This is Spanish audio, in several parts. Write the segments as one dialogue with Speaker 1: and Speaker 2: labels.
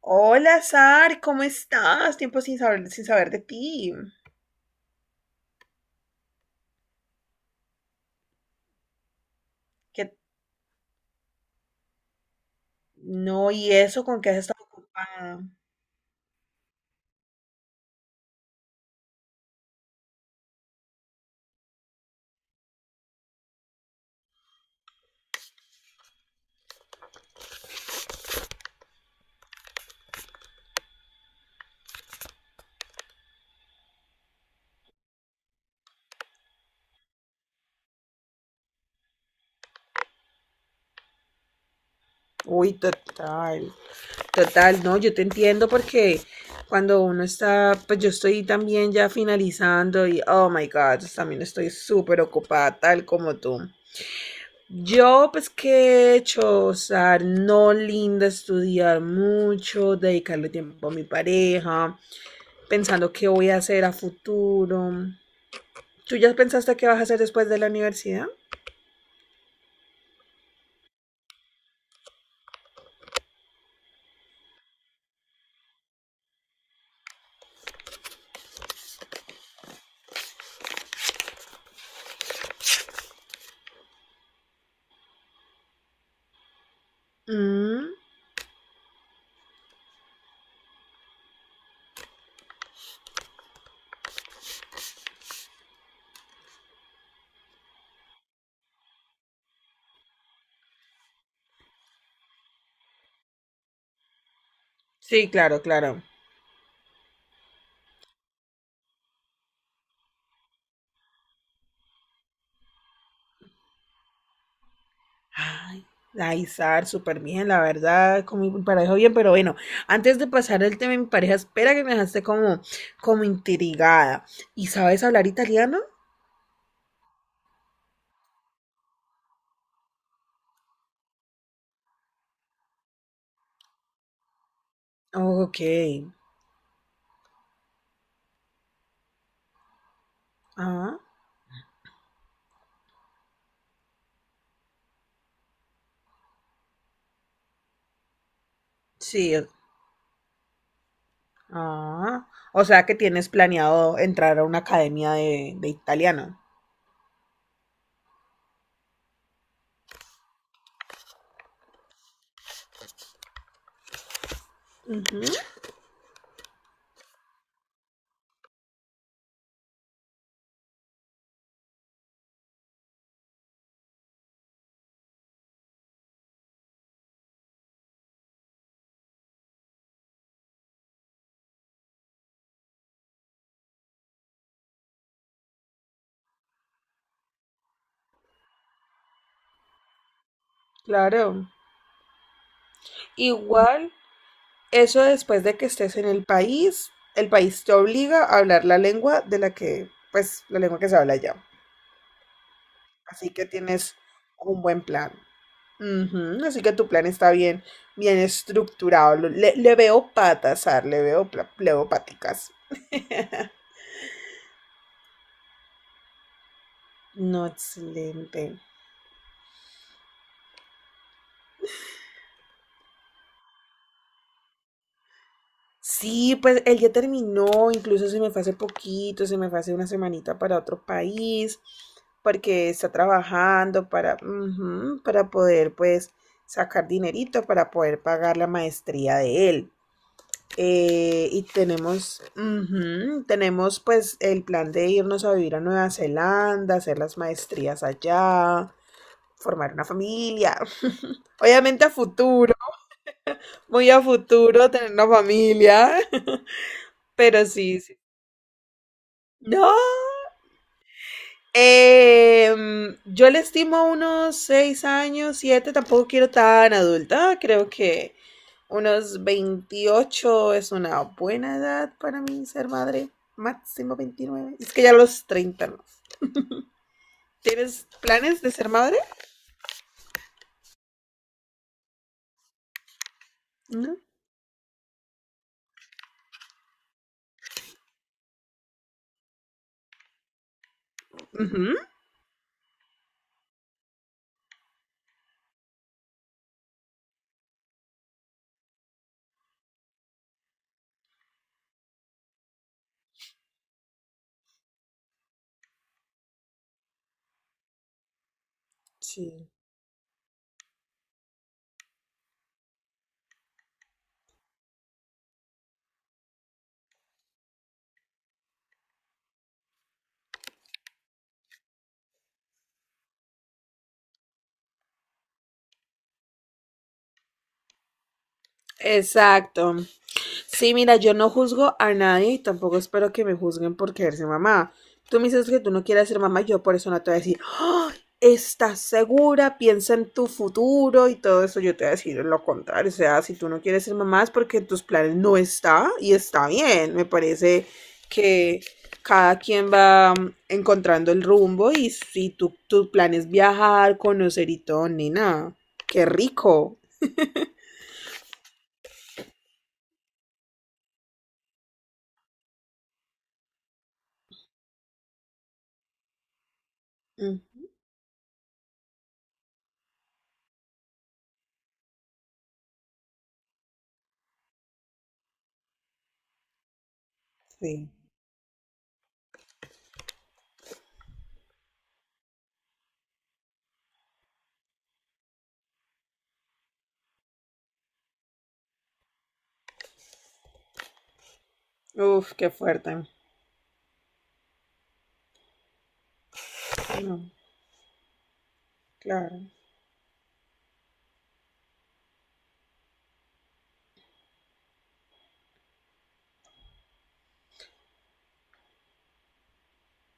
Speaker 1: Hola, Sar, ¿cómo estás? Tiempo sin saber de ti. Que no, ¿y eso con qué has estado ocupada? Uy, total, total, no, yo te entiendo porque cuando uno está, pues yo estoy también ya finalizando y oh my God, también estoy súper ocupada, tal como tú. Yo, pues, ¿qué he hecho? O sea, no, linda, estudiar mucho, dedicarle tiempo a mi pareja, pensando qué voy a hacer a futuro. ¿Tú ya pensaste qué vas a hacer después de la universidad? Mm. Sí, claro, claro. Ay, ay, Sar, súper bien, la verdad, con mi pareja bien, pero bueno, antes de pasar el tema de mi pareja, espera, que me dejaste como, como intrigada. ¿Y sabes hablar italiano? Ok. Ah, sí. Ah. O sea que tienes planeado entrar a una academia de italiano. Ujú. Claro. Igual. Eso después de que estés en el país te obliga a hablar la lengua de la que, pues, la lengua que se habla allá. Así que tienes un buen plan. Ujú. Así que tu plan está bien, bien estructurado. Lo- Le veo patas, Ar, le veo, pla- le veo paticas. No, excelente. Sí, pues él ya terminó, incluso se me fue hace poquito, se me fue hace una semanita para otro país, porque está trabajando para, ujú, para poder pues sacar dinerito para poder pagar la maestría de él. Y tenemos, ujú, tenemos pues el plan de irnos a vivir a Nueva Zelanda, hacer las maestrías allá, formar una familia. Obviamente a futuro, muy a futuro, tener una familia. Pero sí, sí. No. Yo le estimo unos 6 años, 7, tampoco quiero tan adulta. Creo que unos 28 es una buena edad para mí ser madre. Máximo 29. Es que ya a los 30, no. ¿Tienes planes de ser madre? No. Ujú. Sí. Exacto. Sí, mira, yo no juzgo a nadie y tampoco espero que me juzguen por querer ser mamá. Tú me dices que tú no quieres ser mamá y yo por eso no te voy a decir: "Ah, ¿estás segura? Piensa en tu futuro y todo eso". Yo te voy a decir lo contrario. O sea, si tú no quieres ser mamá es porque en tus planes no está y está bien. Me parece que cada quien va encontrando el rumbo, y si tu plan es viajar, conocer y todo, nena, qué rico. Mm, sí. Uf, qué fuerte. No. Claro.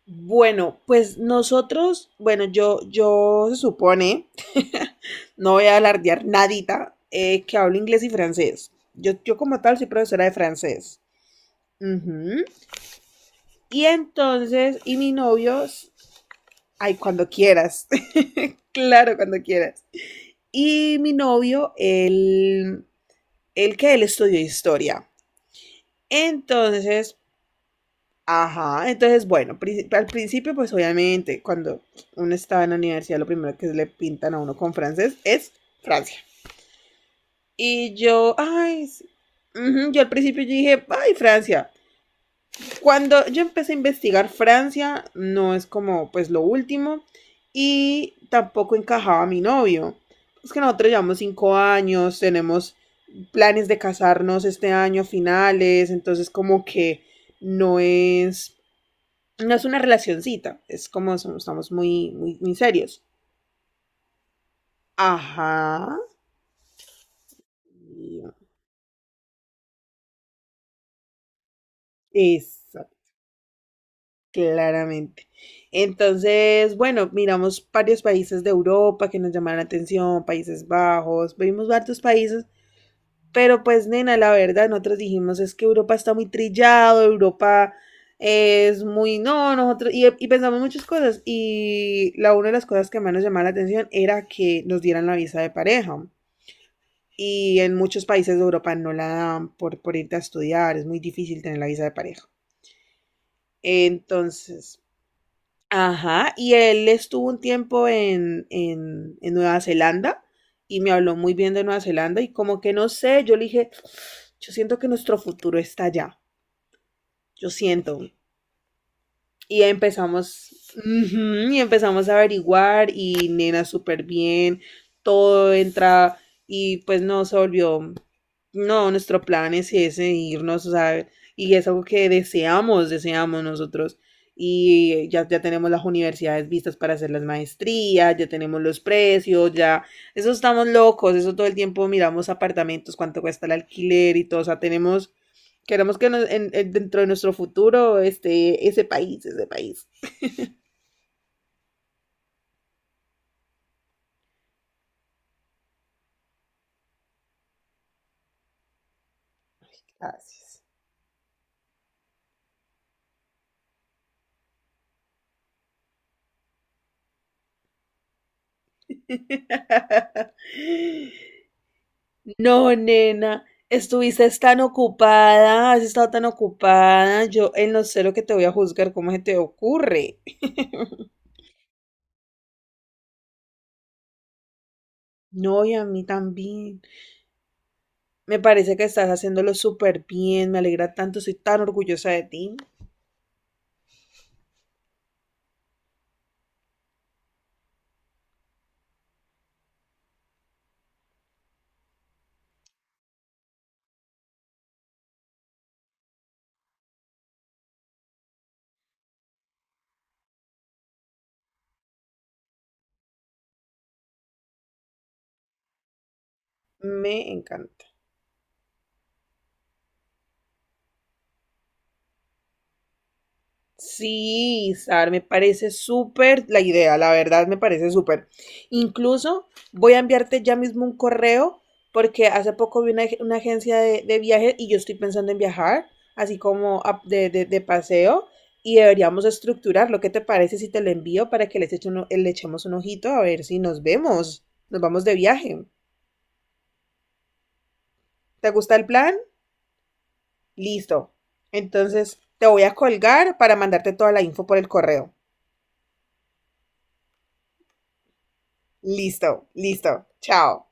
Speaker 1: Bueno, pues nosotros, bueno, yo se supone, no voy a alardear nadita, que hablo inglés y francés. Yo como tal soy profesora de francés. Ujú. Y entonces, y mi novio, ay, cuando quieras, claro, cuando quieras. Y mi novio, él que él estudió historia. Entonces, ajá, entonces bueno, pri- al principio pues obviamente cuando uno estaba en la universidad lo primero que le pintan a uno con francés es Francia. Y yo, ay, sí. Ujú, yo al principio yo dije, ay, Francia. Cuando yo empecé a investigar Francia, no es como pues lo último, y tampoco encajaba mi novio. Es que nosotros llevamos 5 años, tenemos planes de casarnos este año a finales, entonces como que no es, no es una relacioncita, es como somos, estamos muy, muy, muy serios. Ajá, exacto, claramente. Entonces, bueno, miramos varios países de Europa que nos llamaron la atención, Países Bajos, vimos varios países, pero pues nena, la verdad, nosotros dijimos, es que Europa está muy trillado, Europa es muy, no, nosotros, y pensamos muchas cosas, y la una de las cosas que más nos llamaba la atención era que nos dieran la visa de pareja, y en muchos países de Europa no la dan por irte a estudiar, es muy difícil tener la visa de pareja. Entonces, ajá, y él estuvo un tiempo en Nueva Zelanda y me habló muy bien de Nueva Zelanda, y como que no sé, yo le dije, yo siento que nuestro futuro está allá, yo siento. Y empezamos, ujú, y empezamos a averiguar, y nena, súper bien, todo entra, y pues no, se volvió, no, nuestro plan es ese, irnos, o sea, y es algo que deseamos, deseamos nosotros. Y ya, ya tenemos las universidades vistas para hacer las maestrías, ya tenemos los precios, ya, eso estamos locos, eso todo el tiempo miramos apartamentos, cuánto cuesta el alquiler y todo, o sea, tenemos. Queremos que nos- en- dentro de nuestro futuro esté ese país, ese país. Gracias. No, nena, estuviste tan ocupada, has estado tan ocupada. Yo en lo cero que te voy a juzgar, ¿cómo se te ocurre? No, y a mí también. Me parece que estás haciéndolo súper bien, me alegra tanto, soy tan orgullosa de ti. Me encanta. Sí, Sar, me parece súper la idea, la verdad me parece súper. Incluso voy a enviarte ya mismo un correo porque hace poco vi una, ag- una agencia de viajes y yo estoy pensando en viajar, así como a- de paseo, y deberíamos estructurar, lo que te parece si te lo envío para que les eche uno- le echemos un ojito a ver si nos vemos, nos vamos de viaje. ¿Te gusta el plan? Listo. Entonces te voy a colgar para mandarte toda la info por el correo. Listo, listo. Chao.